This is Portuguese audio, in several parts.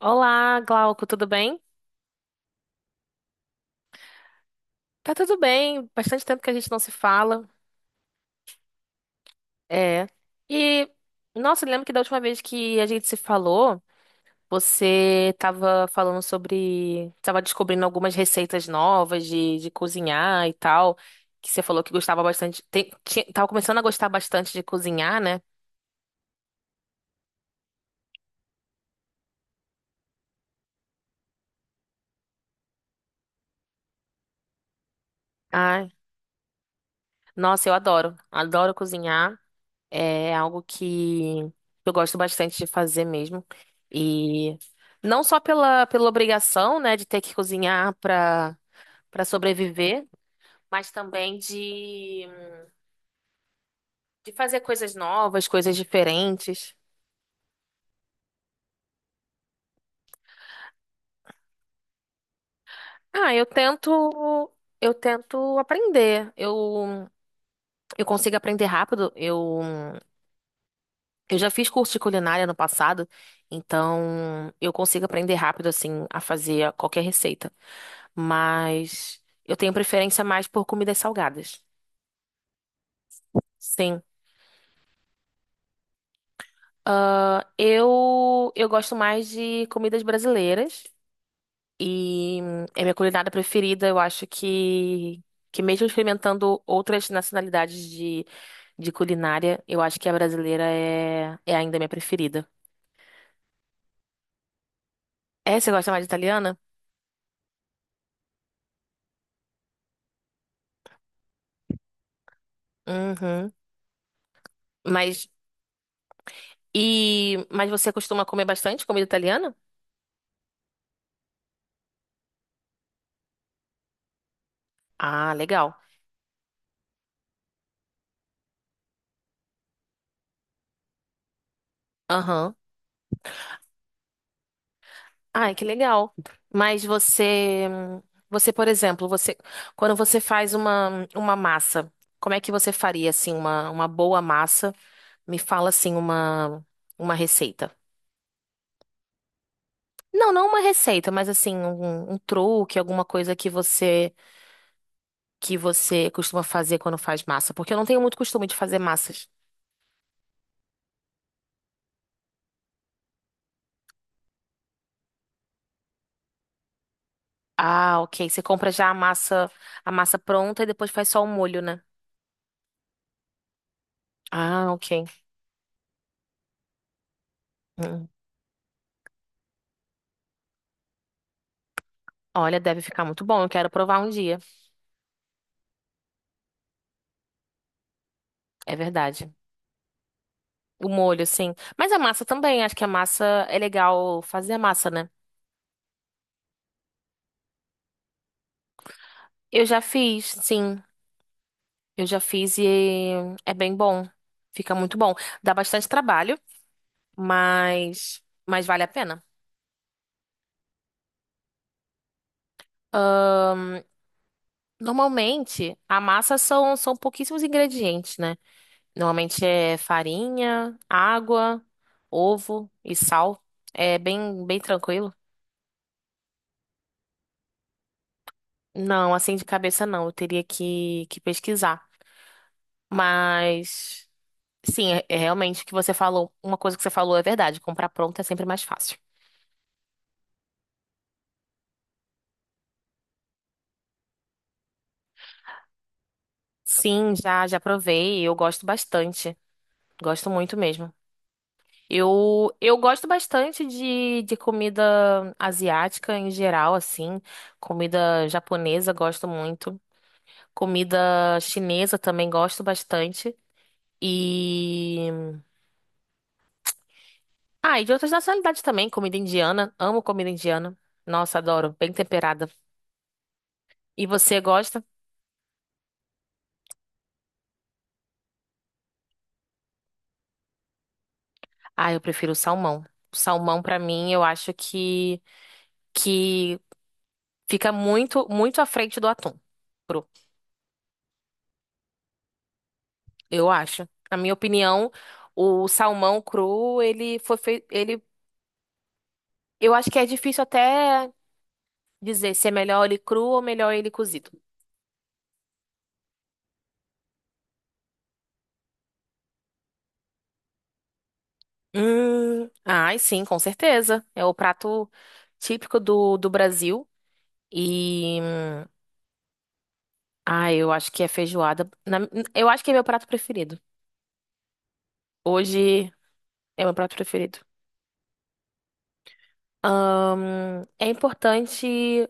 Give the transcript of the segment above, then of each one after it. Olá, Glauco, tudo bem? Tá tudo bem, bastante tempo que a gente não se fala. É. E, nossa, eu lembro que da última vez que a gente se falou, você tava falando sobre. Tava descobrindo algumas receitas novas de cozinhar e tal. Que você falou que gostava bastante. Tava começando a gostar bastante de cozinhar, né? Ai, nossa, eu adoro. Adoro cozinhar. É algo que eu gosto bastante de fazer mesmo. E não só pela obrigação, né, de ter que cozinhar para sobreviver, mas também de fazer coisas novas, coisas diferentes. Ah, eu tento aprender. Eu consigo aprender rápido. Eu já fiz curso de culinária no passado, então eu consigo aprender rápido assim a fazer qualquer receita. Mas eu tenho preferência mais por comidas salgadas. Sim. Ah, eu gosto mais de comidas brasileiras. E é minha culinária preferida. Eu acho que mesmo experimentando outras nacionalidades de culinária, eu acho que a brasileira é ainda minha preferida. É, você gosta mais de italiana? Uhum. Mas, mas você costuma comer bastante comida italiana? Ah, legal. Aham. Ai, que legal. Mas você, por exemplo, quando você faz uma massa, como é que você faria assim uma boa massa? Me fala assim uma receita. Não, não uma receita, mas assim um truque, alguma coisa que você costuma fazer quando faz massa, porque eu não tenho muito costume de fazer massas. Ah, ok. Você compra já a massa pronta e depois faz só o molho, né? Ah, ok. Hum. Olha, deve ficar muito bom. Eu quero provar um dia. É verdade. O molho, sim. Mas a massa também, acho que a massa é legal fazer a massa, né? Eu já fiz, sim. Eu já fiz e é bem bom. Fica muito bom. Dá bastante trabalho, mas vale a pena. Normalmente, a massa são pouquíssimos ingredientes, né? Normalmente é farinha, água, ovo e sal. É bem tranquilo. Não, assim de cabeça não, eu teria que pesquisar. Mas sim, é realmente o que você falou. Uma coisa que você falou é verdade. Comprar pronto é sempre mais fácil. Sim, já provei. Eu gosto bastante. Gosto muito mesmo. Eu gosto bastante de comida asiática em geral, assim. Comida japonesa, gosto muito. Comida chinesa também gosto bastante. E. Ah, e de outras nacionalidades também. Comida indiana. Amo comida indiana. Nossa, adoro. Bem temperada. E você gosta? Ah, eu prefiro o salmão. O salmão, pra mim, eu acho que fica muito, muito à frente do atum cru. Eu acho. Na minha opinião, o salmão cru, ele foi feito. Ele, eu acho que é difícil até dizer se é melhor ele cru ou melhor ele cozido. Ai, sim, com certeza. É o prato típico do Brasil. E. hum, Ah, eu acho que é feijoada. Eu acho que é meu prato preferido. Hoje é meu prato preferido. É importante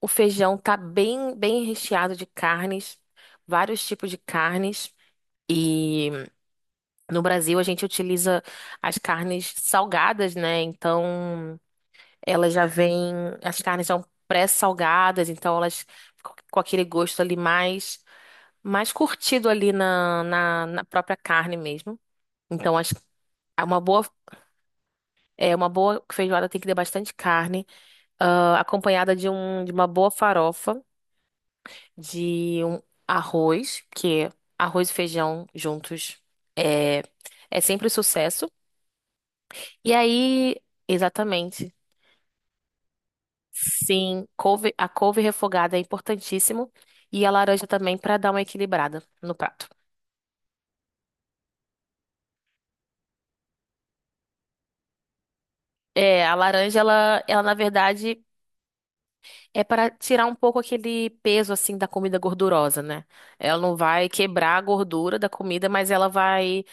o feijão estar bem, bem recheado de carnes, vários tipos de carnes. E no Brasil a gente utiliza as carnes salgadas, né? Então elas já vêm, as carnes são pré-salgadas, então elas ficam com aquele gosto ali mais, mais curtido ali na própria carne mesmo. Então acho é uma boa, é uma boa feijoada tem que ter bastante carne. Acompanhada de uma boa farofa, de um arroz, que arroz e feijão juntos é, é sempre um sucesso. E aí, exatamente, sim, a couve refogada é importantíssimo e a laranja também para dar uma equilibrada no prato. É, a laranja, ela na verdade é para tirar um pouco aquele peso assim da comida gordurosa, né? Ela não vai quebrar a gordura da comida, mas ela vai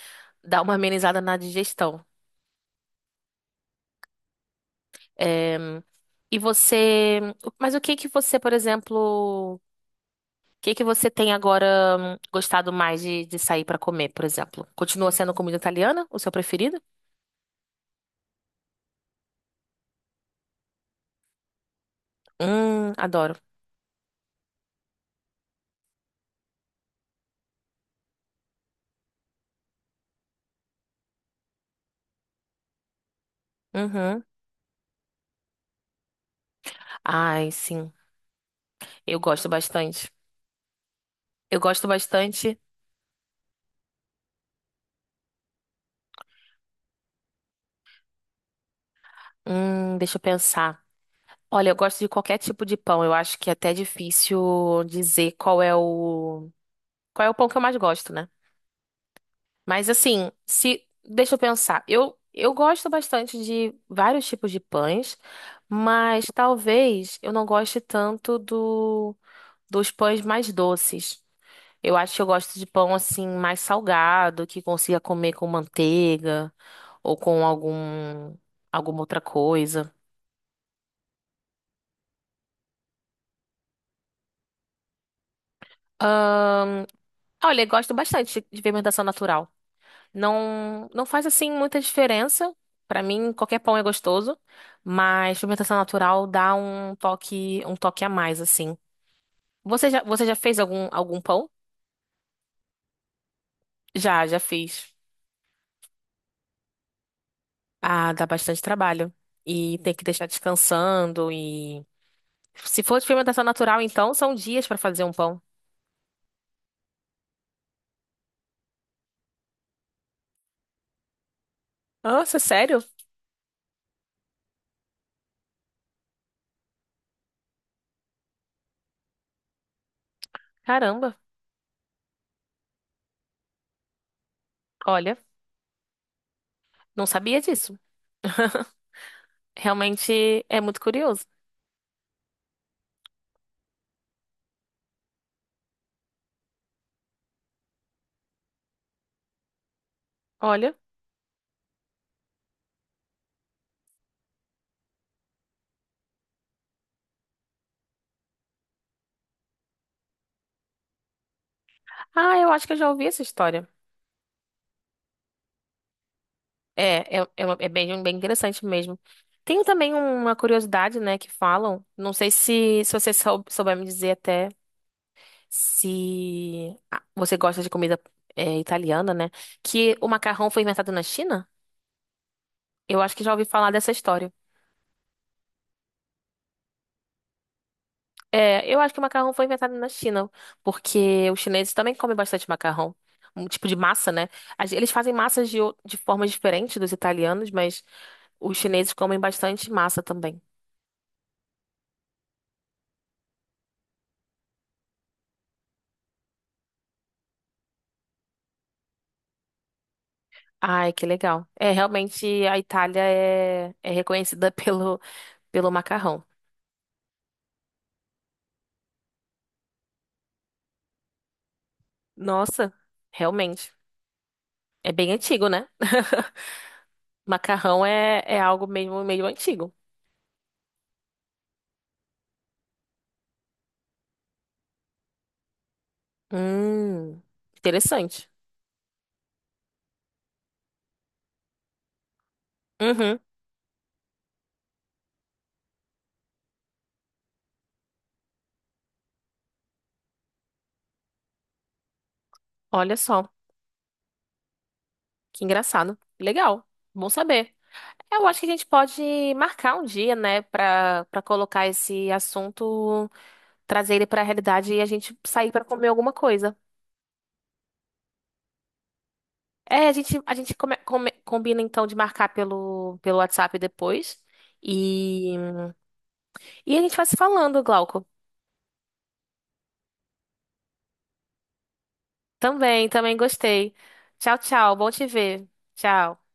dar uma amenizada na digestão. Em, e você, mas o que que você, por exemplo, o que que você tem agora gostado mais de sair pra comer, por exemplo? Continua sendo comida italiana, o seu preferido? Adoro. Uhum. Ai, sim. Eu gosto bastante. Eu gosto bastante. Deixa eu pensar. Olha, eu gosto de qualquer tipo de pão. Eu acho que é até difícil dizer qual é o pão que eu mais gosto, né? Mas assim, se deixa eu pensar, eu gosto bastante de vários tipos de pães, mas talvez eu não goste tanto do dos pães mais doces. Eu acho que eu gosto de pão assim mais salgado, que consiga comer com manteiga ou com alguma outra coisa. Ah, Olha eu gosto bastante de fermentação natural. Não, não faz assim muita diferença. Pra mim, qualquer pão é gostoso, mas fermentação natural dá um toque a mais assim. Você já fez algum pão? Já, já fiz. Ah, dá bastante trabalho e tem que deixar descansando e se for de fermentação natural, então são dias pra fazer um pão. Nossa, sério? Caramba. Olha, não sabia disso. Realmente é muito curioso. Olha. Ah, eu acho que eu já ouvi essa história. É bem, bem interessante mesmo. Tem também uma curiosidade, né, que falam. Não sei se você souber me dizer até se você gosta de comida italiana, né? Que o macarrão foi inventado na China? Eu acho que já ouvi falar dessa história. É, eu acho que o macarrão foi inventado na China, porque os chineses também comem bastante macarrão. Um tipo de massa, né? Eles fazem massas de formas diferentes dos italianos, mas os chineses comem bastante massa também. Ai, que legal. É, realmente a Itália é reconhecida pelo macarrão. Nossa, realmente. É bem antigo, né? Macarrão é algo mesmo meio antigo. Hum, interessante. Uhum, olha só, que engraçado. Legal, bom saber. É, eu acho que a gente pode marcar um dia, né, pra colocar esse assunto, trazer ele pra realidade e a gente sair pra comer alguma coisa. É, a gente combina então de marcar pelo WhatsApp depois. E, e a gente vai se falando, Glauco. Também gostei. Tchau, tchau. Bom te ver. Tchau.